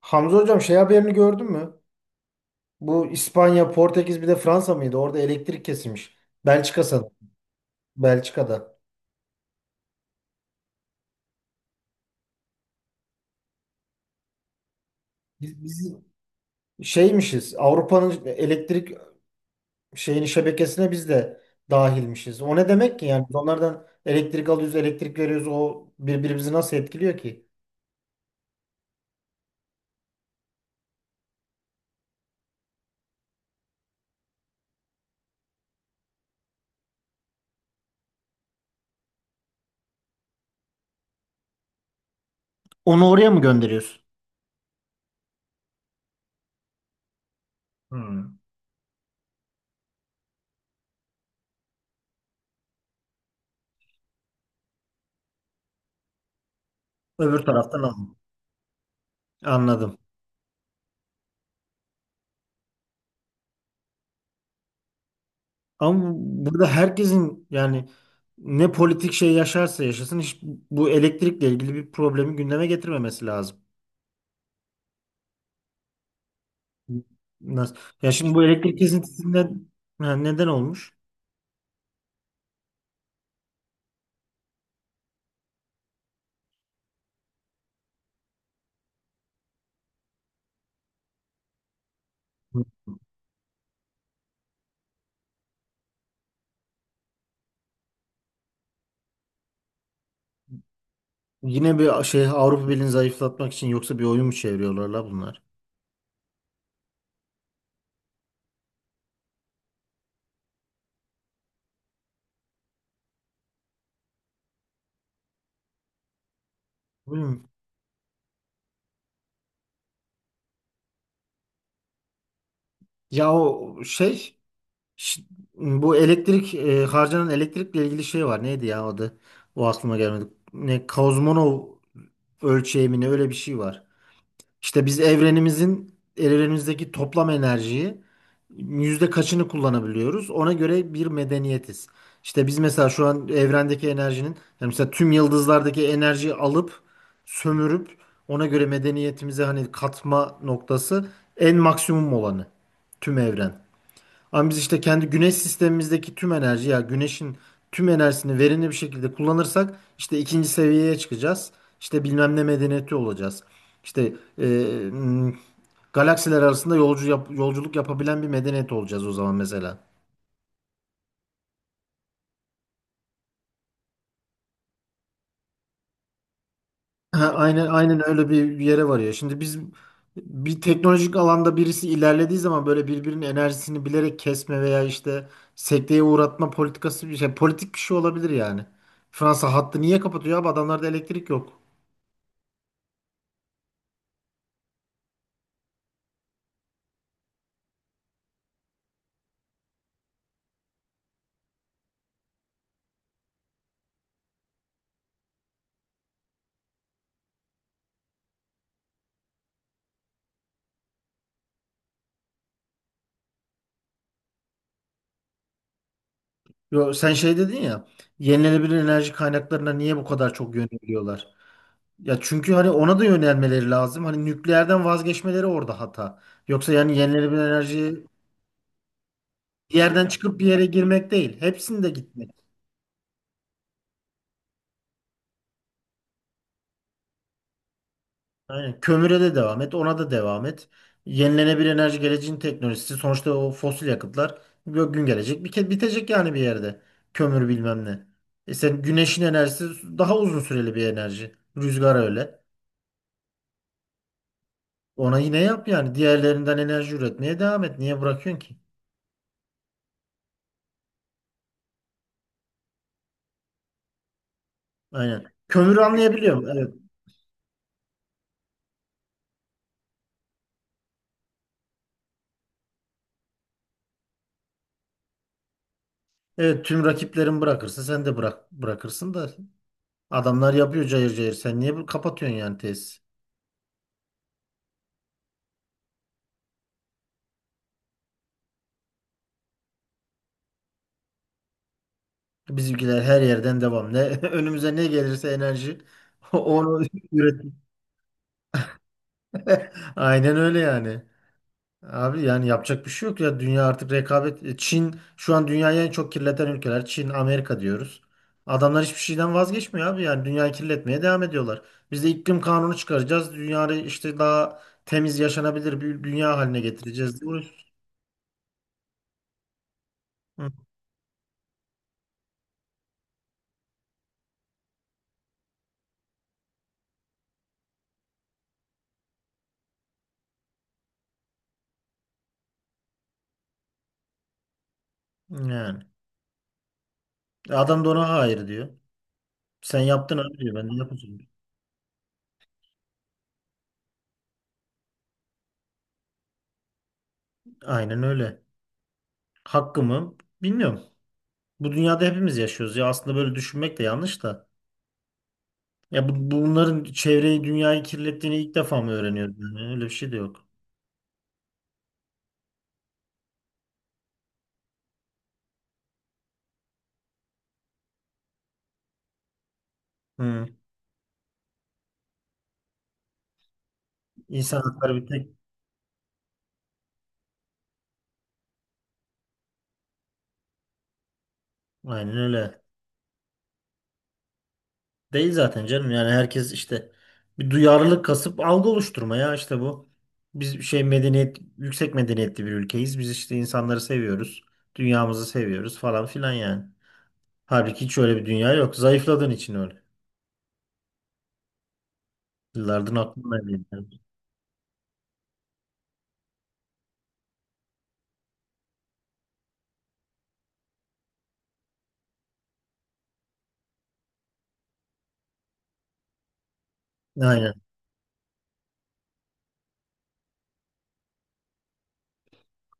Hamza hocam şey haberini gördün mü? Bu İspanya, Portekiz bir de Fransa mıydı? Orada elektrik kesilmiş. Belçika sanırım. Belçika'da. Biz şeymişiz. Avrupa'nın elektrik şeyini şebekesine biz de dahilmişiz. O ne demek ki yani? Biz onlardan elektrik alıyoruz, elektrik veriyoruz. O birbirimizi nasıl etkiliyor ki? Onu oraya mı gönderiyorsun? Hmm. Öbür taraftan alın. Anladım. Ama burada herkesin yani ne politik şey yaşarsa yaşasın hiç bu elektrikle ilgili bir problemi gündeme getirmemesi lazım. Nasıl? Ya şimdi bu elektrik kesintisinden ha, neden olmuş? Hı. Yine bir şey Avrupa Birliği'ni zayıflatmak için yoksa bir oyun mu çeviriyorlar la bunlar? Bilmiyorum. Ya o şey ş- bu elektrik harcanan elektrikle ilgili şey var. Neydi ya adı? O aklıma gelmedi. Ne Kozmonov ölçeği mi ne öyle bir şey var. İşte biz evrenimizdeki toplam enerjiyi yüzde kaçını kullanabiliyoruz? Ona göre bir medeniyetiz. İşte biz mesela şu an evrendeki enerjinin yani mesela tüm yıldızlardaki enerjiyi alıp sömürüp ona göre medeniyetimize hani katma noktası en maksimum olanı tüm evren. Ama biz işte kendi güneş sistemimizdeki tüm enerji ya güneşin tüm enerjisini verimli bir şekilde kullanırsak işte ikinci seviyeye çıkacağız. İşte bilmem ne medeniyeti olacağız. İşte e, m, galaksiler arasında yolculuk yapabilen bir medeniyet olacağız o zaman mesela. Ha, aynen aynen öyle bir yere varıyor. Şimdi biz bir teknolojik alanda birisi ilerlediği zaman böyle birbirinin enerjisini bilerek kesme veya işte sekteye uğratma politikası bir şey politik bir şey olabilir yani. Fransa hattı niye kapatıyor abi? Adamlarda elektrik yok. Yo, sen şey dedin ya yenilenebilir enerji kaynaklarına niye bu kadar çok yöneliyorlar? Ya çünkü hani ona da yönelmeleri lazım. Hani nükleerden vazgeçmeleri orada hata. Yoksa yani yenilenebilir enerji bir yerden çıkıp bir yere girmek değil. Hepsinde gitmek. Aynen. Kömüre de devam et, ona da devam et. Yenilenebilir enerji geleceğin teknolojisi. Sonuçta o fosil yakıtlar bir gün gelecek. Bir kez bitecek yani bir yerde. Kömür bilmem ne. E sen güneşin enerjisi daha uzun süreli bir enerji. Rüzgar öyle. Ona yine yap yani. Diğerlerinden enerji üretmeye devam et. Niye bırakıyorsun ki? Aynen. Kömürü anlayabiliyorum. Evet. Evet tüm rakiplerin bırakırsa sen de bırak bırakırsın da adamlar yapıyor cayır cayır. Sen niye kapatıyorsun yani tesis? Bizimkiler her yerden devam. Ne önümüze ne gelirse enerji onu üretim. Aynen öyle yani. Abi yani yapacak bir şey yok ya. Dünya artık rekabet. Çin şu an dünyayı en çok kirleten ülkeler. Çin, Amerika diyoruz. Adamlar hiçbir şeyden vazgeçmiyor abi. Yani dünyayı kirletmeye devam ediyorlar. Biz de iklim kanunu çıkaracağız. Dünyayı işte daha temiz yaşanabilir bir dünya haline getireceğiz diye uğraşıyoruz. Hı. Yani. Adam da ona hayır diyor. Sen yaptın abi diyor. Ben de yapacağım. Aynen öyle. Hakkımı bilmiyorum. Bu dünyada hepimiz yaşıyoruz ya aslında böyle düşünmek de yanlış da. Ya bu, bunların çevreyi dünyayı kirlettiğini ilk defa mı öğreniyoruz? Yani öyle bir şey de yok. Hı. İnsan hakları bir tek aynen öyle. Değil zaten canım yani herkes işte bir duyarlılık kasıp algı oluşturma ya işte bu. Biz bir şey medeniyet yüksek medeniyetli bir ülkeyiz. Biz işte insanları seviyoruz. Dünyamızı seviyoruz falan filan yani. Halbuki hiç öyle bir dünya yok. Zayıfladığın için öyle. Yıllardır aklımda. Aynen.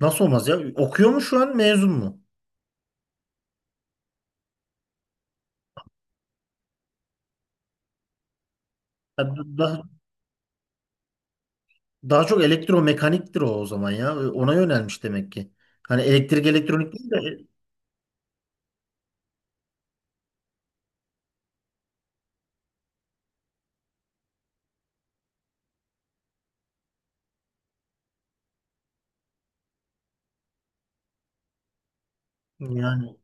Nasıl olmaz ya? Okuyor mu şu an mezun mu? Daha, daha çok elektromekaniktir o zaman ya. Ona yönelmiş demek ki. Hani elektrik elektronik değil de yani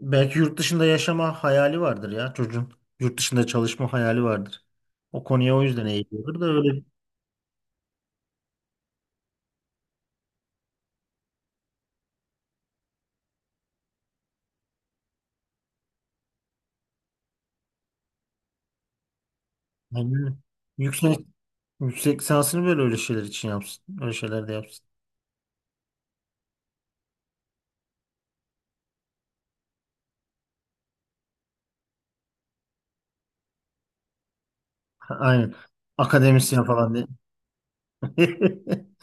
belki yurt dışında yaşama hayali vardır ya çocuğun. Yurt dışında çalışma hayali vardır. O konuya o yüzden eğiliyordur da öyle yani yüksek yüksek lisansını böyle öyle şeyler için yapsın. Öyle şeyler de yapsın. Ha, aynen. Akademisyen falan diye.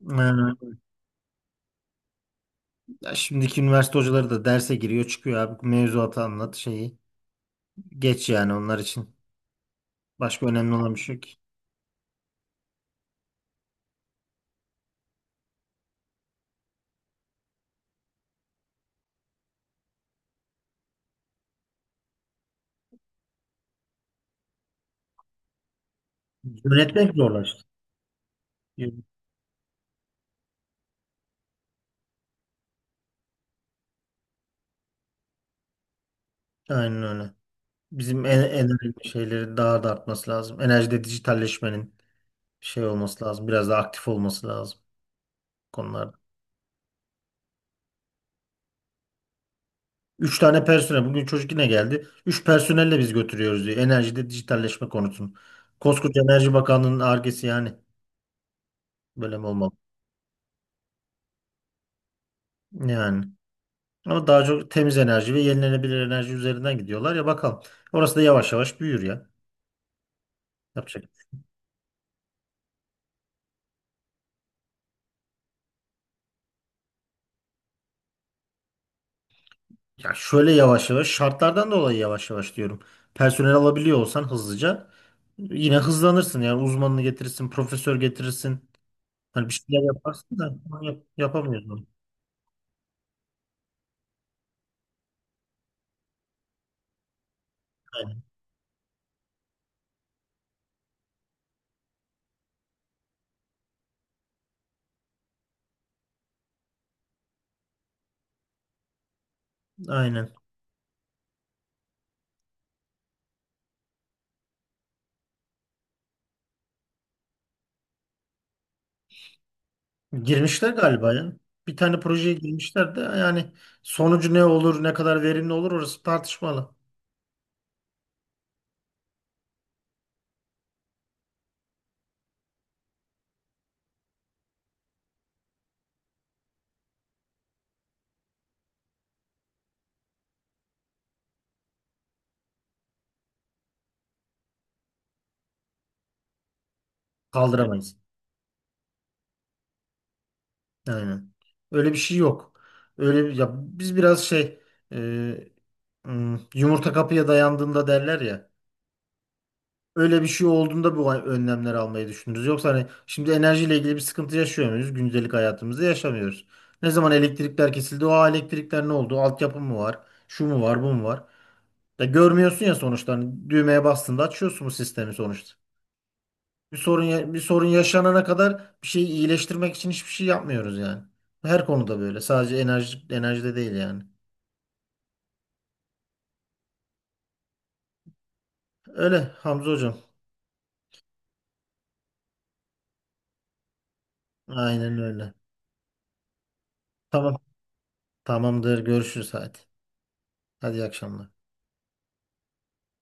Yani, ya şimdiki üniversite hocaları da derse giriyor çıkıyor abi mevzuatı anlat şeyi. Geç yani onlar için. Başka önemli olan bir şey yok ki. Yönetmek zorlaştı. Yön- Aynen öyle. Bizim en enerji şeyleri daha da artması lazım. Enerjide dijitalleşmenin şey olması lazım. Biraz daha aktif olması lazım konularda. Üç tane personel. Bugün çocuk yine geldi. Üç personelle biz götürüyoruz diyor. Enerjide dijitalleşme konusunu. Koskoca Enerji Bakanlığı'nın argesi yani. Böyle mi olmalı? Yani. Ama daha çok temiz enerji ve yenilenebilir enerji üzerinden gidiyorlar ya bakalım. Orası da yavaş yavaş büyür ya. Yapacak. Ya şöyle yavaş yavaş şartlardan dolayı yavaş yavaş diyorum. Personel alabiliyor olsan hızlıca yine hızlanırsın yani uzmanını getirirsin, profesör getirirsin. Hani bir şeyler yaparsın da onu yap yapamıyoruz onu. Aynen. Aynen. Girmişler galiba ya. Bir tane projeye girmişler de yani sonucu ne olur, ne kadar verimli olur orası tartışmalı. Kaldıramayız. Aynen. Öyle bir şey yok. Ya biz biraz şey e, yumurta kapıya dayandığında derler ya. Öyle bir şey olduğunda bu önlemler almayı düşünürüz. Yoksa hani şimdi enerjiyle ilgili bir sıkıntı yaşıyor muyuz? Gündelik hayatımızda yaşamıyoruz. Ne zaman elektrikler kesildi? O elektrikler ne oldu? Altyapı mı var? Şu mu var? Bu mu var? Ya görmüyorsun ya sonuçta. Hani düğmeye bastığında açıyorsun bu sistemi sonuçta. Bir sorun yaşanana kadar bir şeyi iyileştirmek için hiçbir şey yapmıyoruz yani. Her konuda böyle. Sadece enerjide değil yani. Öyle Hamza hocam. Aynen öyle. Tamam. Tamamdır. Görüşürüz hadi. Hadi iyi akşamlar.